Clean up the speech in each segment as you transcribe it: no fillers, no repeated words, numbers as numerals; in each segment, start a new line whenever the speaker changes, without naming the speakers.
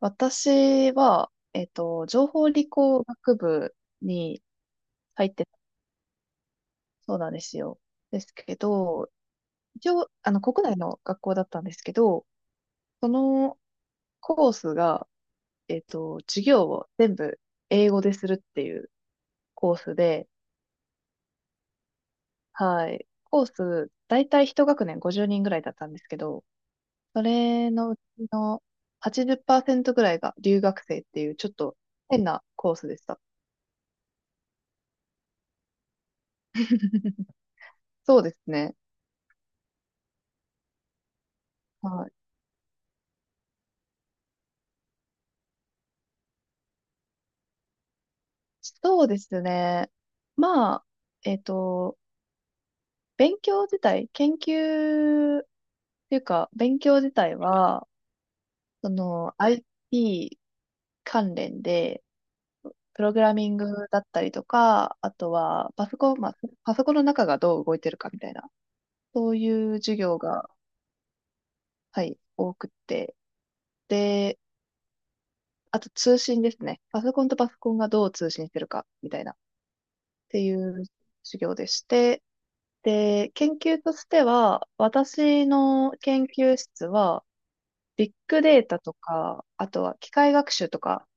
私は、情報理工学部に入ってた、そうなんですよ。ですけど、一応、国内の学校だったんですけど、そのコースが、授業を全部英語でするっていうコースで、はい。コース、だいたい一学年50人ぐらいだったんですけど、それのうちの80%ぐらいが留学生っていう、ちょっと変なコースでした。そうですね。はい、そうですね。まあ、えっと、勉強自体、研究っていうか、勉強自体は、その、i p 関連で、プログラミングだったりとか、あとは、パソコンの中がどう動いてるかみたいな、そういう授業が、はい、多くって。で、あと通信ですね。パソコンとパソコンがどう通信してるか、みたいな、っていう授業でして、で、研究としては、私の研究室は、ビッグデータとか、あとは機械学習とか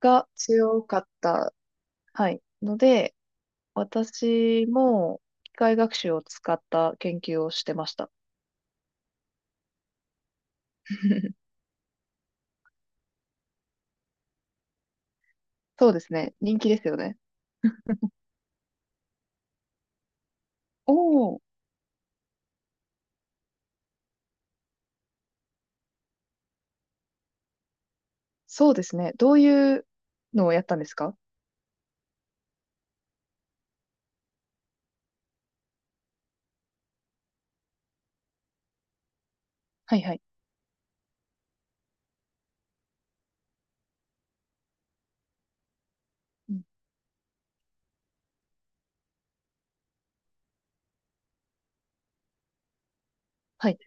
が強かった、はい、ので、私も機械学習を使った研究をしてました。そうですね。人気ですよね。おお、そうですね。どういうのをやったんですか？はいはい。うん、はい。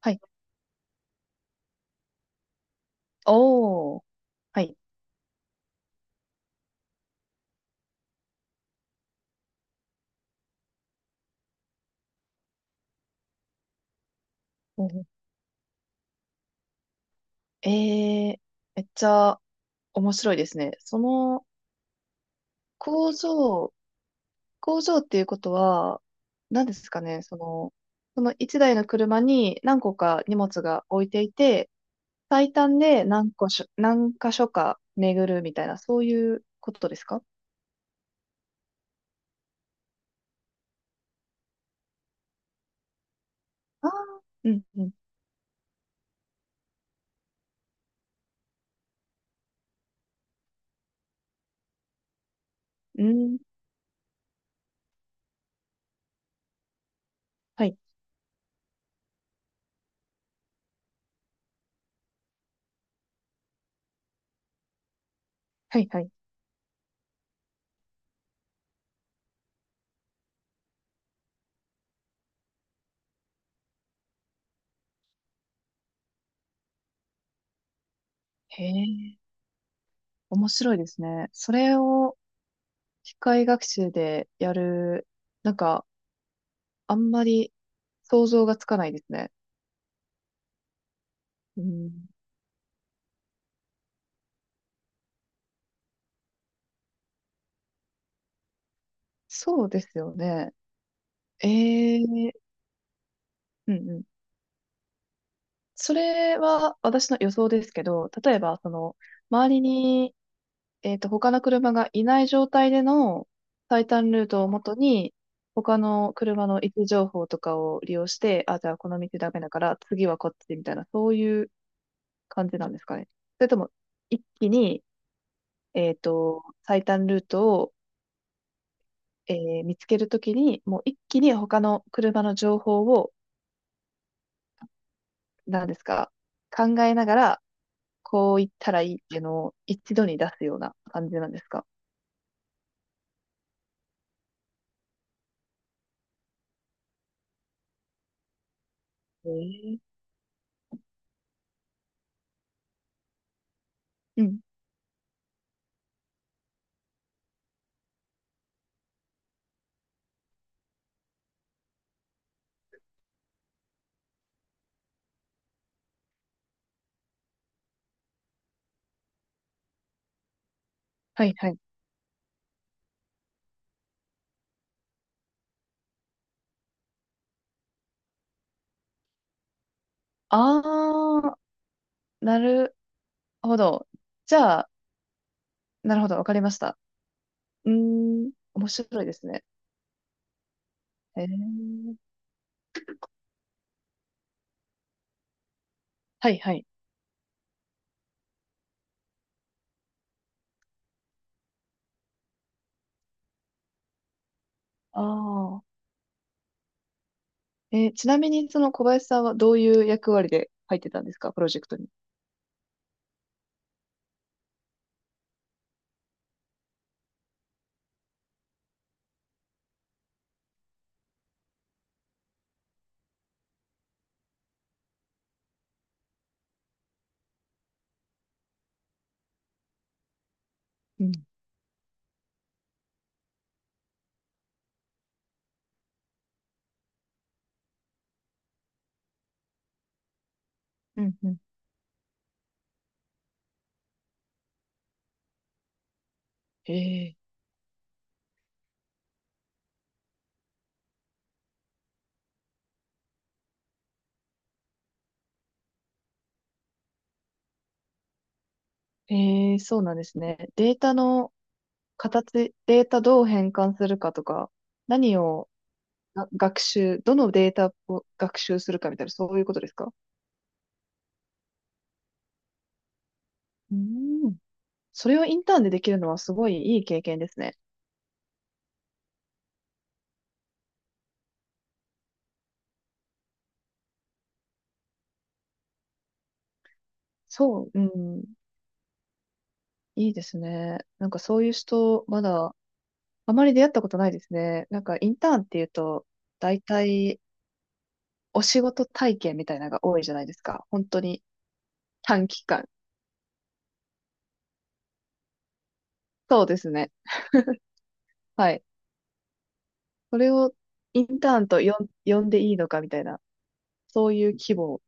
はい。おお、はい。お、えー、めっちゃ面白いですね。その工場、工場っていうことは、何ですかね、その一台の車に何個か荷物が置いていて、最短で何個しょ、何箇所か巡るみたいな、そういうことですか？ああー、うん、うん、うん、はい、はい、はい。へえ、面白いですね。それを機械学習でやる、なんか、あんまり想像がつかないですね。うん、そうですよね。ええ、うんうん、それは私の予想ですけど、例えば、その、周りに、他の車がいない状態での最短ルートをもとに、他の車の位置情報とかを利用して、あ、じゃあこの道ダメだから、次はこっちみたいな、そういう感じなんですかね。それとも、一気に、最短ルートを、見つけるときに、もう一気に他の車の情報を、何ですか、考えながら、こう言ったらいいっていうのを一度に出すような感じなんですか？えーうん。はいはい。あー、なるほど。じゃあ、なるほど、わかりました。うーん、面白いですね。えー、はいはい。あー、ちなみにその小林さんはどういう役割で入ってたんですか、プロジェクトに。うん、うん、うん。えそうなんですね。データの形、データどう変換するかとか、何をが学習、どのデータを学習するかみたいな、そういうことですか？うん。それをインターンでできるのはすごいいい経験ですね。そう、うん。いいですね。なんかそういう人、まだ、あまり出会ったことないですね。なんかインターンっていうと、大体、お仕事体験みたいなのが多いじゃないですか。本当に短期間。そうですね。はい。それをインターンと呼んでいいのかみたいな、そういう規模。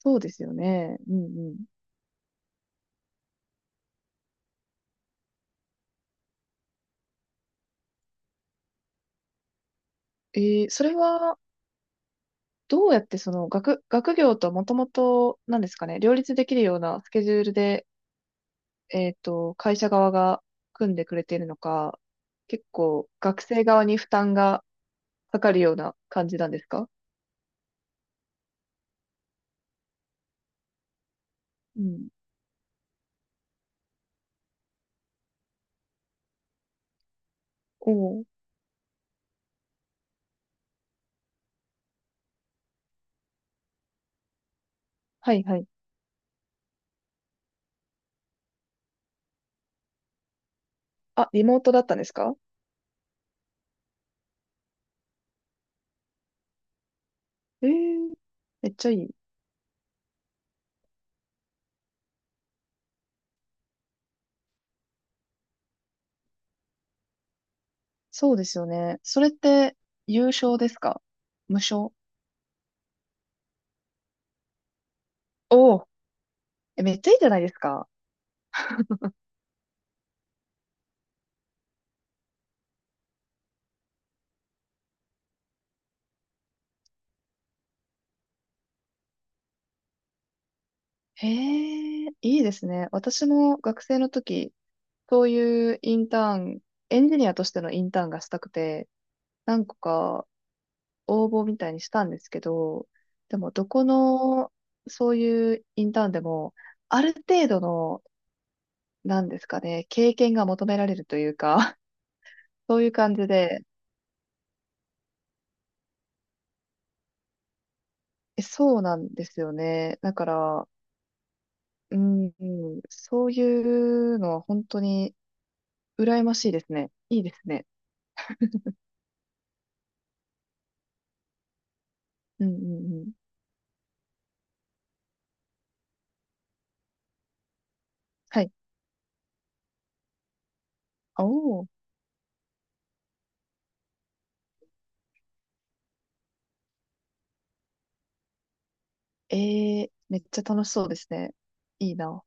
そうですよね。うんうん。えそれは、どうやってその学業ともともと、なんですかね、両立できるようなスケジュールで、会社側が組んでくれているのか、結構学生側に負担がかかるような感じなんですか？うん。おお、はいはい。あ、リモートだったんですか？ええ、めっちゃいい。そうですよね。それって、有償ですか？無償？おお、え、めっちゃいいじゃないですか。へえ、いいですね。私も学生の時、そういうインターン、エンジニアとしてのインターンがしたくて、何個か応募みたいにしたんですけど、でもどこの、そういうインターンでも、ある程度の、なんですかね、経験が求められるというか、そういう感じで、え、そうなんですよね。だから、うん、うん、そういうのは本当に羨ましいですね。いいですね。うんうんうん。はい。おー、えめっちゃ楽しそうですね。いいな。